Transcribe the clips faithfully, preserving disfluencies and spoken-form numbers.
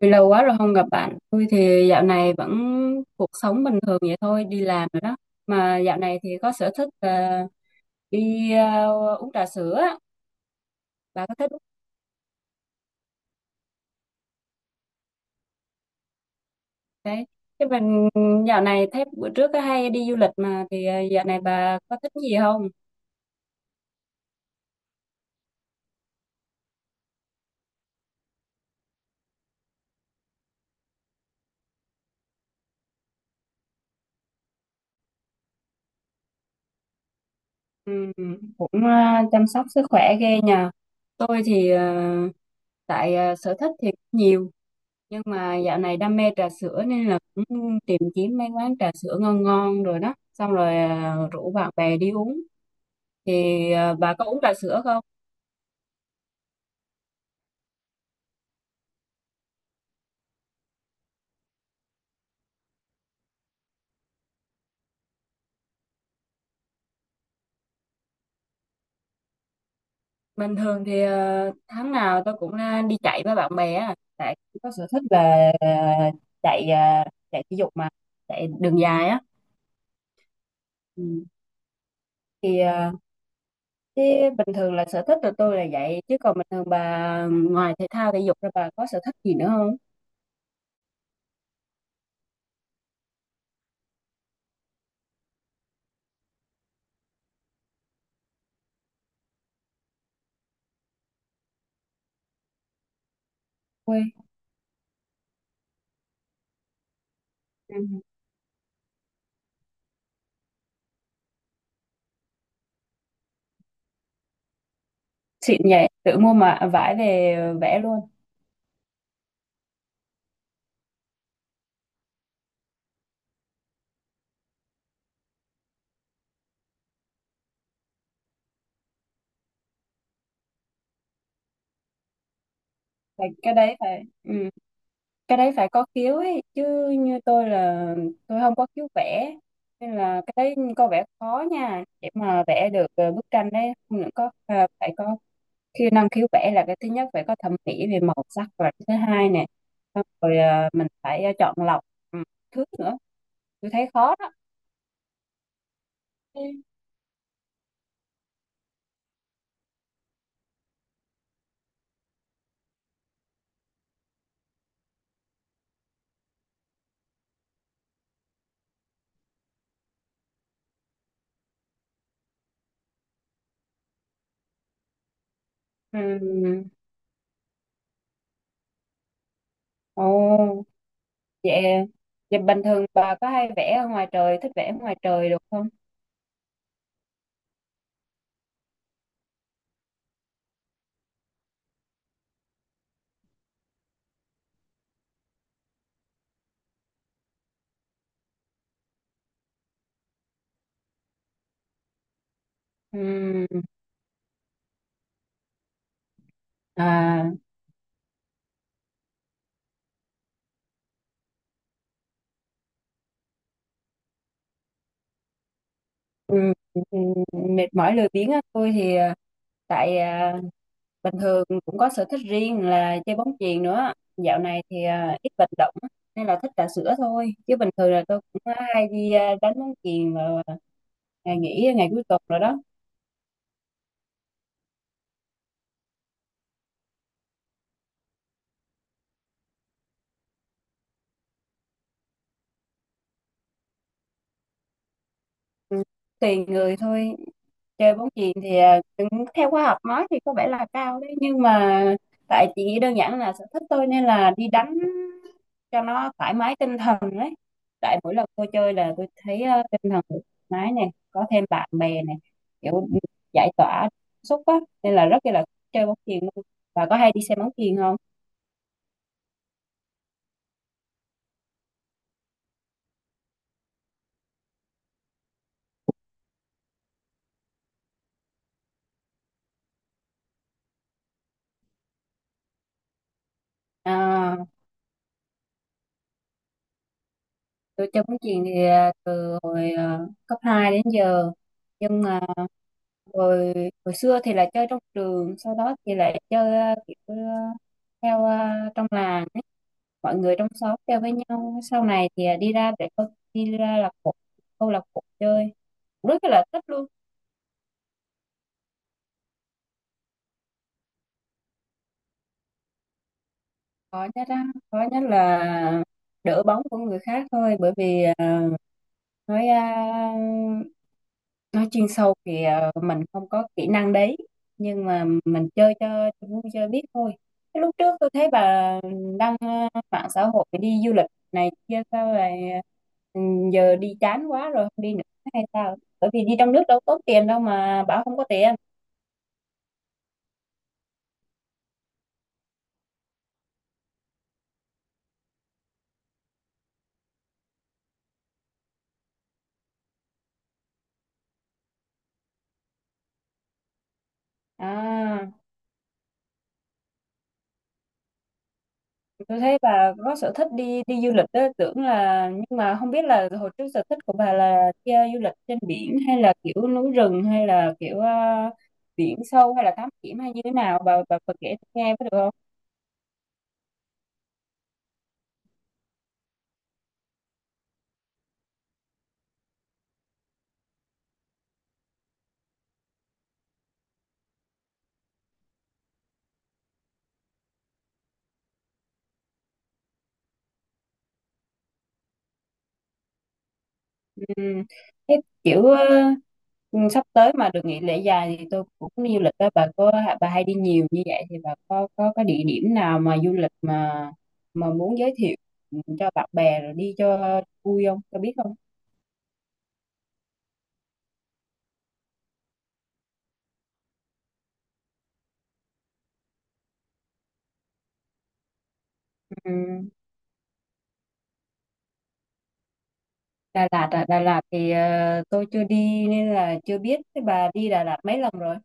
Vì lâu quá rồi không gặp bạn, tôi thì dạo này vẫn cuộc sống bình thường vậy thôi, đi làm rồi đó. Mà dạo này thì có sở thích là đi ờ, uống trà sữa, á. Bà có thích uống cái chứ mình dạo này thấy bữa trước có hay đi du lịch mà thì ờ, dạo này bà có thích gì không? Ừ, cũng ờ, chăm sóc sức khỏe ghê nhờ. Tôi thì ờ, tại ờ, sở thích thì cũng nhiều nhưng mà dạo này đam mê trà sữa nên là cũng tìm kiếm mấy quán trà sữa ngon ngon rồi đó, xong rồi à, rủ bạn bè đi uống. Thì à, bà có uống trà sữa không? Bình thường thì à, tháng nào tôi cũng à, đi chạy với bạn bè á, tại có sở thích là à, chạy à, chạy thể dục, mà chạy đường dài á. Ừ. Thì à, thế bình thường là sở thích của tôi là vậy, chứ còn bình thường bà ngoài thể thao thể dục ra, bà có sở thích gì nữa không? Quên. Xịn nhỉ, tự mua mà à, vải về vẽ luôn. Phải- cái đấy phải ừ. Cái đấy phải có khiếu ấy chứ, như tôi là tôi không có khiếu vẽ, nên là cái đấy có vẻ khó nha để mà vẽ được ờ, bức tranh đấy. Không những có à, phải có khi năng khiếu vẽ là cái thứ nhất, phải có thẩm mỹ về màu sắc và cái thứ hai nè, xong rồi ờ, mình phải ờ, chọn lọc. Ừ, thứ nữa tôi thấy khó đó. Ừ. Ồ. Vậy, vậy bình thường bà có hay vẽ ở ngoài trời, thích vẽ ở ngoài trời được không? Ừm, à, ừm, ừm, mệt mỏi lười biếng á, tôi thì à, tại à, bình thường cũng có sở thích riêng là chơi bóng chuyền nữa. Dạo này thì à, ít vận động á, nên là thích trà sữa thôi. Chứ bình thường là tôi cũng hay đi à, đánh bóng chuyền vào ngày nghỉ, ngày cuối tuần rồi đó. Ừ, tùy người thôi. Chơi bóng chuyền thì à, cũng theo khoa học nói thì có vẻ là cao đấy, nhưng mà tại chị nghĩ đơn giản là sở thích tôi nên là đi đánh cho nó thoải mái tinh thần đấy. Tại mỗi lần tôi chơi là tôi thấy ờ, tinh thần thoải mái này, có thêm bạn bè này, kiểu giải tỏa cảm xúc á, nên là rất là thích chơi bóng chuyền luôn. Và có hay đi xem bóng chuyền không? à, tôi chơi bóng chuyền thì à, từ hồi à, cấp hai đến giờ, nhưng mà hồi hồi xưa thì là chơi trong trường, sau đó thì lại chơi à, kiểu à, theo à, trong làng ấy. Mọi người trong xóm chơi với nhau, sau này thì à, đi ra để câu, đi ra là câu lạc bộ chơi, rất là thích luôn. Khó nhất á, khó nhất là đỡ bóng của người khác thôi, bởi vì à, nói à, nói chuyên sâu thì à, mình không có kỹ năng đấy, nhưng mà mình chơi cho cho vui, chơi biết thôi. Cái lúc trước tôi thấy bà đăng à, mạng xã hội đi du lịch này kia sao lại ừ, giờ đi chán quá rồi không đi nữa hay sao? Bởi vì đi trong nước đâu có tốn tiền đâu mà bảo không có tiền à. Tôi thấy bà có sở thích đi đi du lịch đó, tưởng là, nhưng mà không biết là hồi trước sở thích của bà là đi ờ, du lịch trên biển hay là kiểu núi rừng hay là kiểu ờ, biển sâu hay là thám hiểm hay như thế nào, bà bà, bà kể tôi nghe có được không? Ừm. Thế kiểu ờ, sắp tới mà được nghỉ lễ dài thì tôi cũng đi du lịch đó. Bà có bà hay đi nhiều như vậy thì bà có có cái địa điểm nào mà du lịch mà mà muốn giới thiệu cho bạn bè rồi đi cho vui không? Cho biết không? Ừ. Đà Lạt à, Đà Lạt thì ờ, tôi chưa đi nên là chưa biết. Thế bà đi Đà Lạt mấy lần rồi?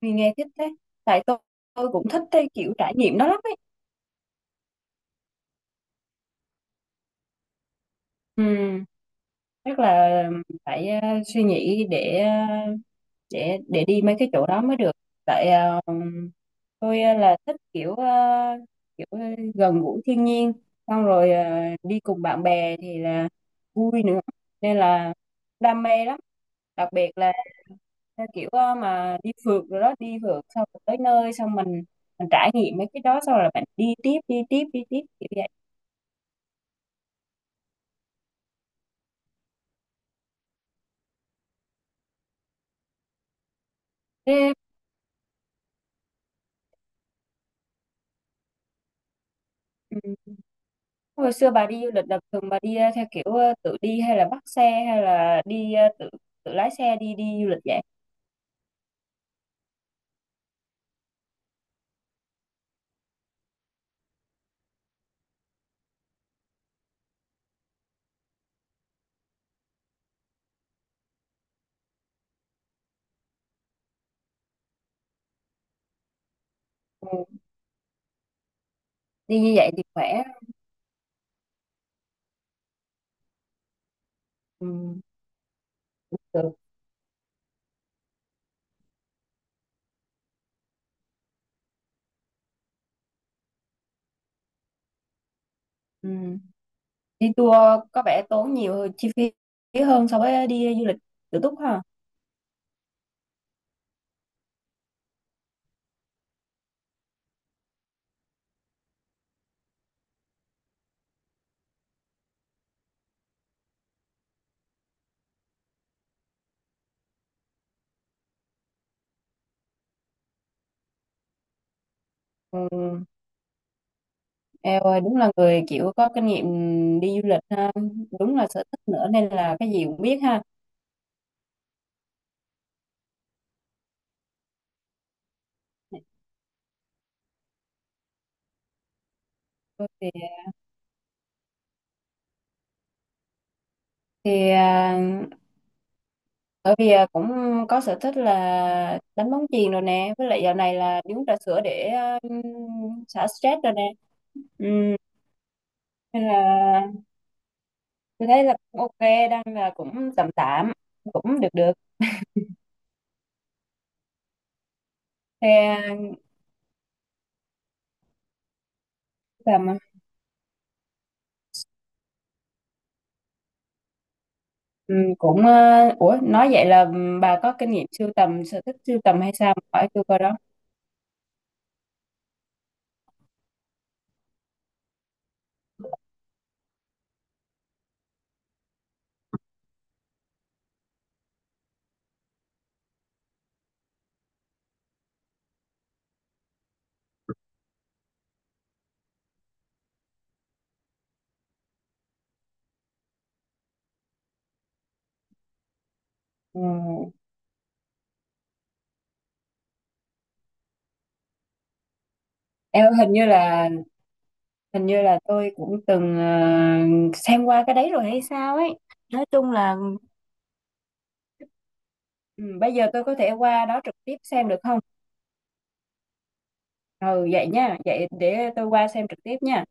Vì nghe thích thế. Tại tôi, tôi cũng thích cái kiểu trải nghiệm đó lắm ấy. Ừ, chắc là phải ờ, suy nghĩ để ờ, để để đi mấy cái chỗ đó mới được. Tại ờ, tôi ờ, là thích kiểu ờ, kiểu ờ, gần gũi thiên nhiên, xong rồi ờ, đi cùng bạn bè thì là vui nữa, nên là đam mê lắm. Đặc biệt là theo kiểu ờ, mà đi phượt rồi đó, đi phượt xong rồi tới nơi xong mình mình trải nghiệm mấy cái đó, xong rồi bạn đi tiếp đi tiếp đi tiếp kiểu vậy. Thế ừ, hồi xưa bà đi du lịch là thường bà đi ờ, theo kiểu ờ, tự đi hay là bắt xe hay là đi ờ, tự tự lái xe đi đi du lịch vậy? Ừ. Đi như vậy thì khỏe. Ừ. Cũng được. Ừ. Đi tour có vẻ tốn nhiều chi phí hơn so với đi du lịch tự túc ha. Ừ. Eo ơi, đúng là người kiểu có kinh nghiệm đi du lịch ha, đúng là sở thích nữa nên là cái gì cũng biết ha. Tôi thì thì à, bởi vì à, cũng có sở thích là đánh bóng chuyền rồi nè, với lại dạo này là đi uống trà sữa để à, xả stress rồi nè. Ừm, nên là tôi thấy là cũng ok, đang là cũng tạm tạm, cũng được được. Thì à, tầm à, ừm, cũng à, ủa, nói vậy là bà có kinh nghiệm sưu tầm, sở thích sưu tầm hay sao? Hỏi tôi coi đó. Ừ. Em ơi, hình như là hình như là tôi cũng từng ờ, xem qua cái đấy rồi hay sao ấy. Nói chung là ừ, bây giờ tôi có thể qua đó trực tiếp xem được không? Ừ vậy nha, vậy để tôi qua xem trực tiếp nha.